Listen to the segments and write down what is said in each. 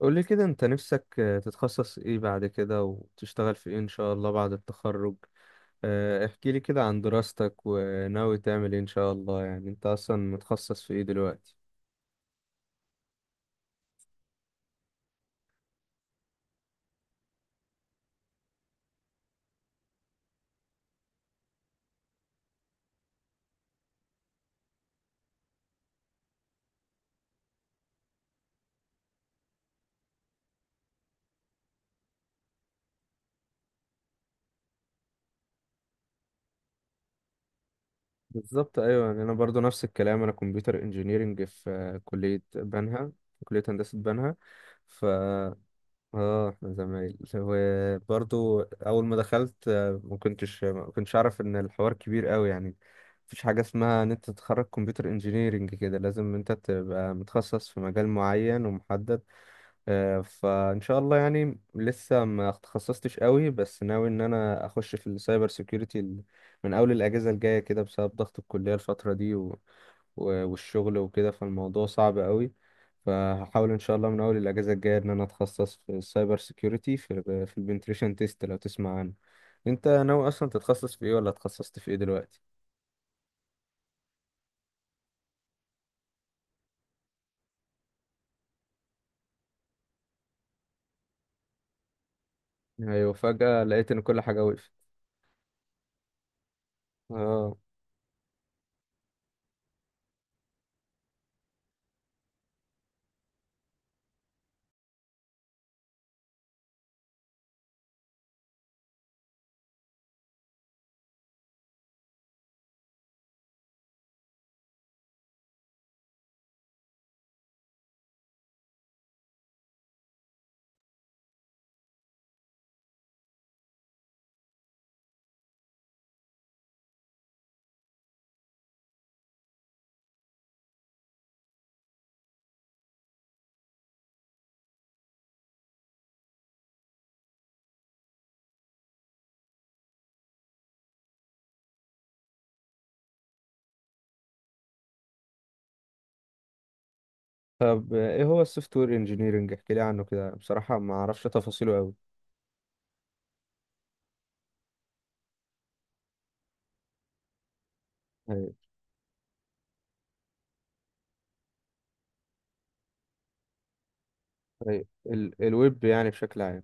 قول لي كده انت نفسك تتخصص ايه بعد كده وتشتغل في ايه ان شاء الله بعد التخرج. احكي لي كده عن دراستك وناوي تعمل ايه ان شاء الله، يعني انت اصلا متخصص في ايه دلوقتي؟ بالظبط، ايوه، يعني انا برضو نفس الكلام، انا كمبيوتر انجينيرنج في كلية بنها، في كلية هندسة بنها. ف اه احنا زمايل وبرضو اول ما دخلت ما كنتش اعرف ان الحوار كبير قوي يعني. مفيش حاجه اسمها ان انت تتخرج كمبيوتر انجينيرينج كده لازم انت تبقى متخصص في مجال معين ومحدد. فان شاء الله يعني لسه ما تخصصتش قوي، بس ناوي ان انا اخش في السايبر سيكيورتي من اول الاجازه الجايه كده بسبب ضغط الكليه الفتره دي والشغل وكده، فالموضوع صعب قوي. فهحاول ان شاء الله من اول الاجازه الجايه ان انا اتخصص في السايبر سيكيورتي في في البنتريشن تيست، لو تسمع عنه. انت ناوي اصلا تتخصص في ايه ولا اتخصصت في ايه دلوقتي؟ ايوه، فجاه لقيت ان كل حاجه وقفت. اه. طب ايه هو السوفت وير انجينيرنج؟ احكي لي عنه كده، بصراحه ما اعرفش تفاصيله قوي. ايوه. ايوه، ال الويب يعني بشكل عام.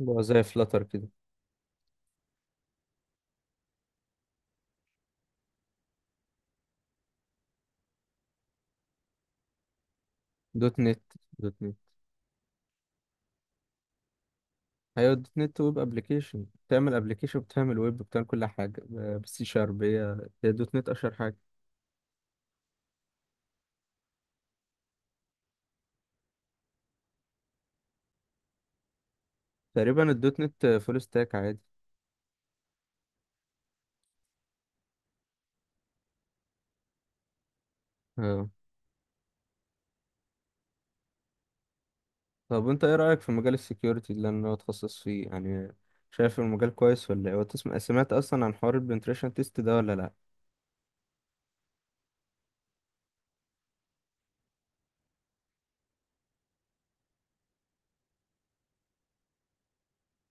اللي هو زي فلاتر كده. دوت نت، دوت نت. ايوه، دوت نت ويب ابلكيشن، بتعمل ابلكيشن، بتعمل ويب، بتعمل كل حاجه بالسي شارب، هي هي دوت نت اشهر حاجه. تقريبا الدوت نت فول ستاك عادي. اه. طب انت ايه رايك في مجال السكيورتي اللي انا اتخصص فيه يعني؟ شايف المجال كويس ولا ايه؟ سمعت اصلا عن حوار البنتريشن تيست ده ولا لا؟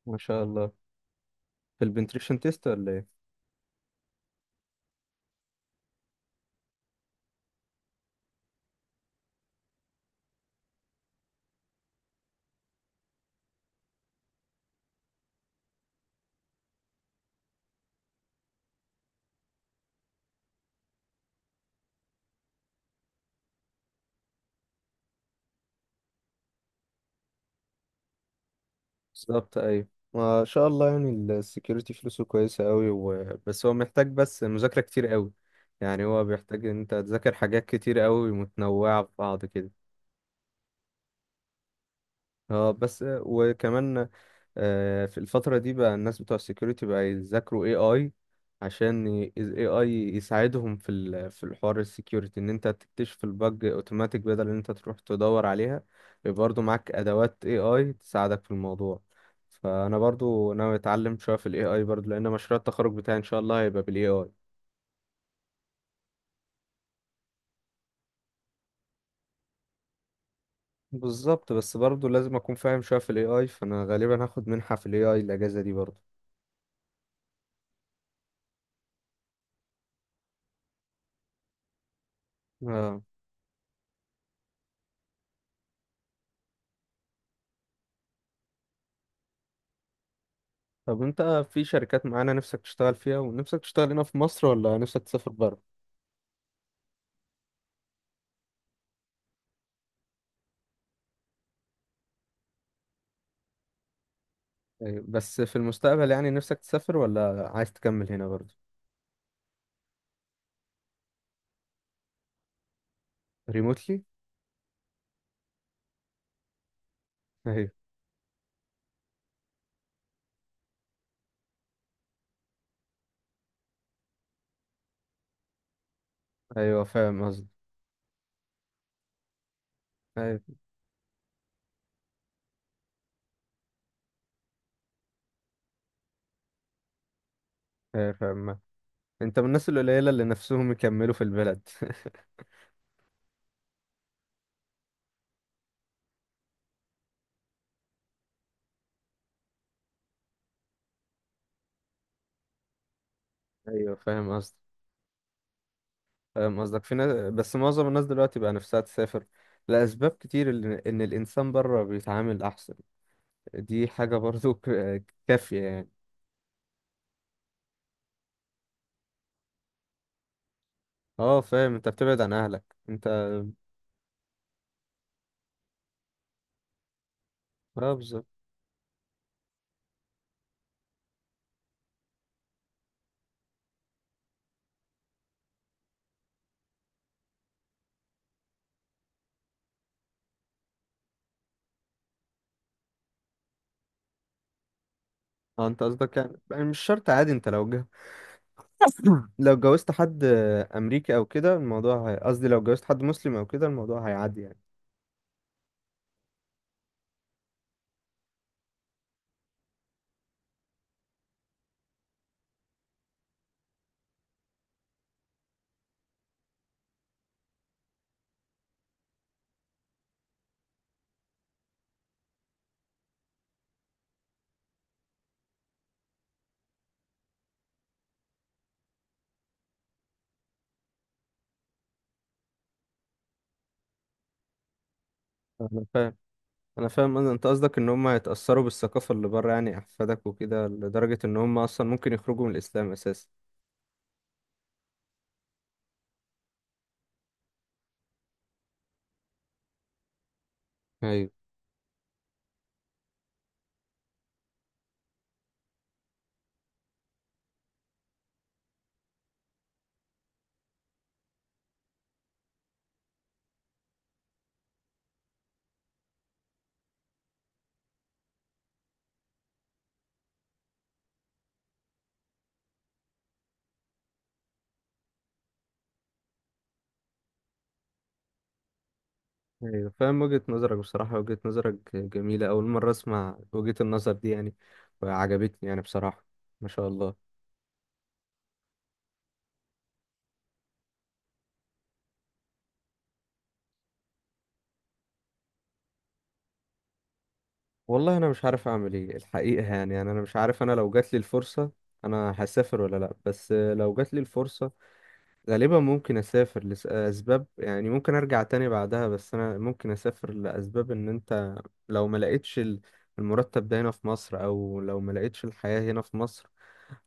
ما شاء الله. في البنتريشن تيست ولا ايه؟ بالظبط، ايوه. ما شاء الله يعني. السكيورتي فلوسه كويسه قوي، بس هو محتاج بس مذاكره كتير قوي، يعني هو بيحتاج ان انت تذاكر حاجات كتير قوي متنوعه في بعض كده. اه، بس وكمان في الفترة دي بقى الناس بتوع السكيورتي بقى يذاكروا اي اي، عشان ال AI يساعدهم في في الحوار السكيورتي، ان انت تكتشف البج اوتوماتيك بدل ان انت تروح تدور عليها، يبقى برضو معاك ادوات AI تساعدك في الموضوع. فانا برضو ناوي اتعلم شوية في الاي اي برضو، لان مشروع التخرج بتاعي ان شاء الله هيبقى بالاي اي. بالظبط، بس برضو لازم اكون فاهم شوية في الاي اي، فانا غالبا هاخد منحة في الاي اي الاجازة دي برضو. اه. طب انت في شركات معانا نفسك تشتغل فيها؟ ونفسك تشتغل هنا في مصر ولا نفسك تسافر بره؟ ايوه، بس في المستقبل يعني نفسك تسافر ولا عايز تكمل هنا برضه؟ ريموتلي؟ ايوه. ايوه فاهم قصدي. ايوه. ايوه فاهم. انت من الناس القليله اللي نفسهم يكملوا في البلد. ايوه فاهم قصدك. فاهم قصدك، في ناس، بس معظم الناس دلوقتي بقى نفسها تسافر لاسباب كتير، ان الانسان بره بيتعامل احسن، دي حاجه برضه كافيه يعني. اه فاهم، انت بتبعد عن اهلك. انت اه. بالظبط. اه انت قصدك يعني، يعني مش شرط عادي، انت لو جه لو جوزت حد امريكي او كده الموضوع قصدي لو جوزت حد مسلم او كده الموضوع هيعدي يعني. انا فاهم، انا فاهم، انت قصدك ان هم يتأثروا بالثقافة اللي بره، يعني احفادك وكده، لدرجة ان هم اصلا ممكن يخرجوا من الاسلام اساسا. ايوه. ايوه فاهم وجهة نظرك، بصراحة وجهة نظرك جميلة، اول مرة اسمع وجهة النظر دي يعني، وعجبتني يعني بصراحة. ما شاء الله. والله انا مش عارف اعمل ايه الحقيقه يعني، يعني انا مش عارف انا لو جات لي الفرصه انا هسافر ولا لا، بس لو جات لي الفرصه غالبا ممكن اسافر لاسباب، يعني ممكن ارجع تاني بعدها، بس انا ممكن اسافر لاسباب ان انت لو ما لقيتش المرتب ده هنا في مصر، او لو ما لقيتش الحياه هنا في مصر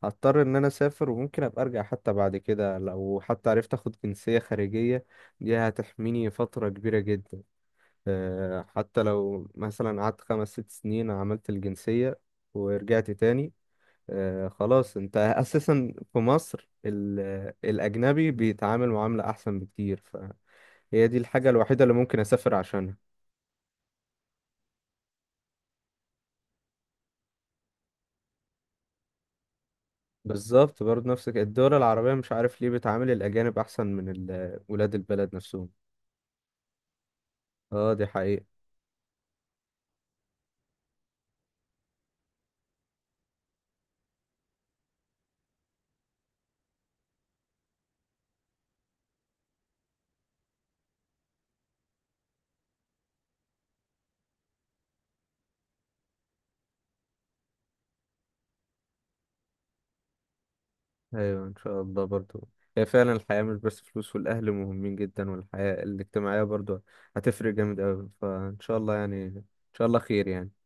هضطر ان انا اسافر، وممكن ابقى ارجع حتى بعد كده لو حتى عرفت اخد جنسيه خارجيه، دي هتحميني فتره كبيره جدا. حتى لو مثلا قعدت 5 أو 6 سنين عملت الجنسية ورجعت تاني، خلاص انت اساسا في مصر الاجنبي بيتعامل معاملة احسن بكتير، فهي دي الحاجة الوحيدة اللي ممكن اسافر عشانها. بالظبط، برضه نفسك الدول العربية مش عارف ليه بتعامل الاجانب احسن من ولاد البلد نفسهم. اه دي حقيقة. ايوه ان شاء الله برضو، هي فعلا الحياة مش بس فلوس، والاهل مهمين جدا والحياة الاجتماعية برضو هتفرق جامد اوي، فان شاء الله يعني، ان شاء الله خير يعني.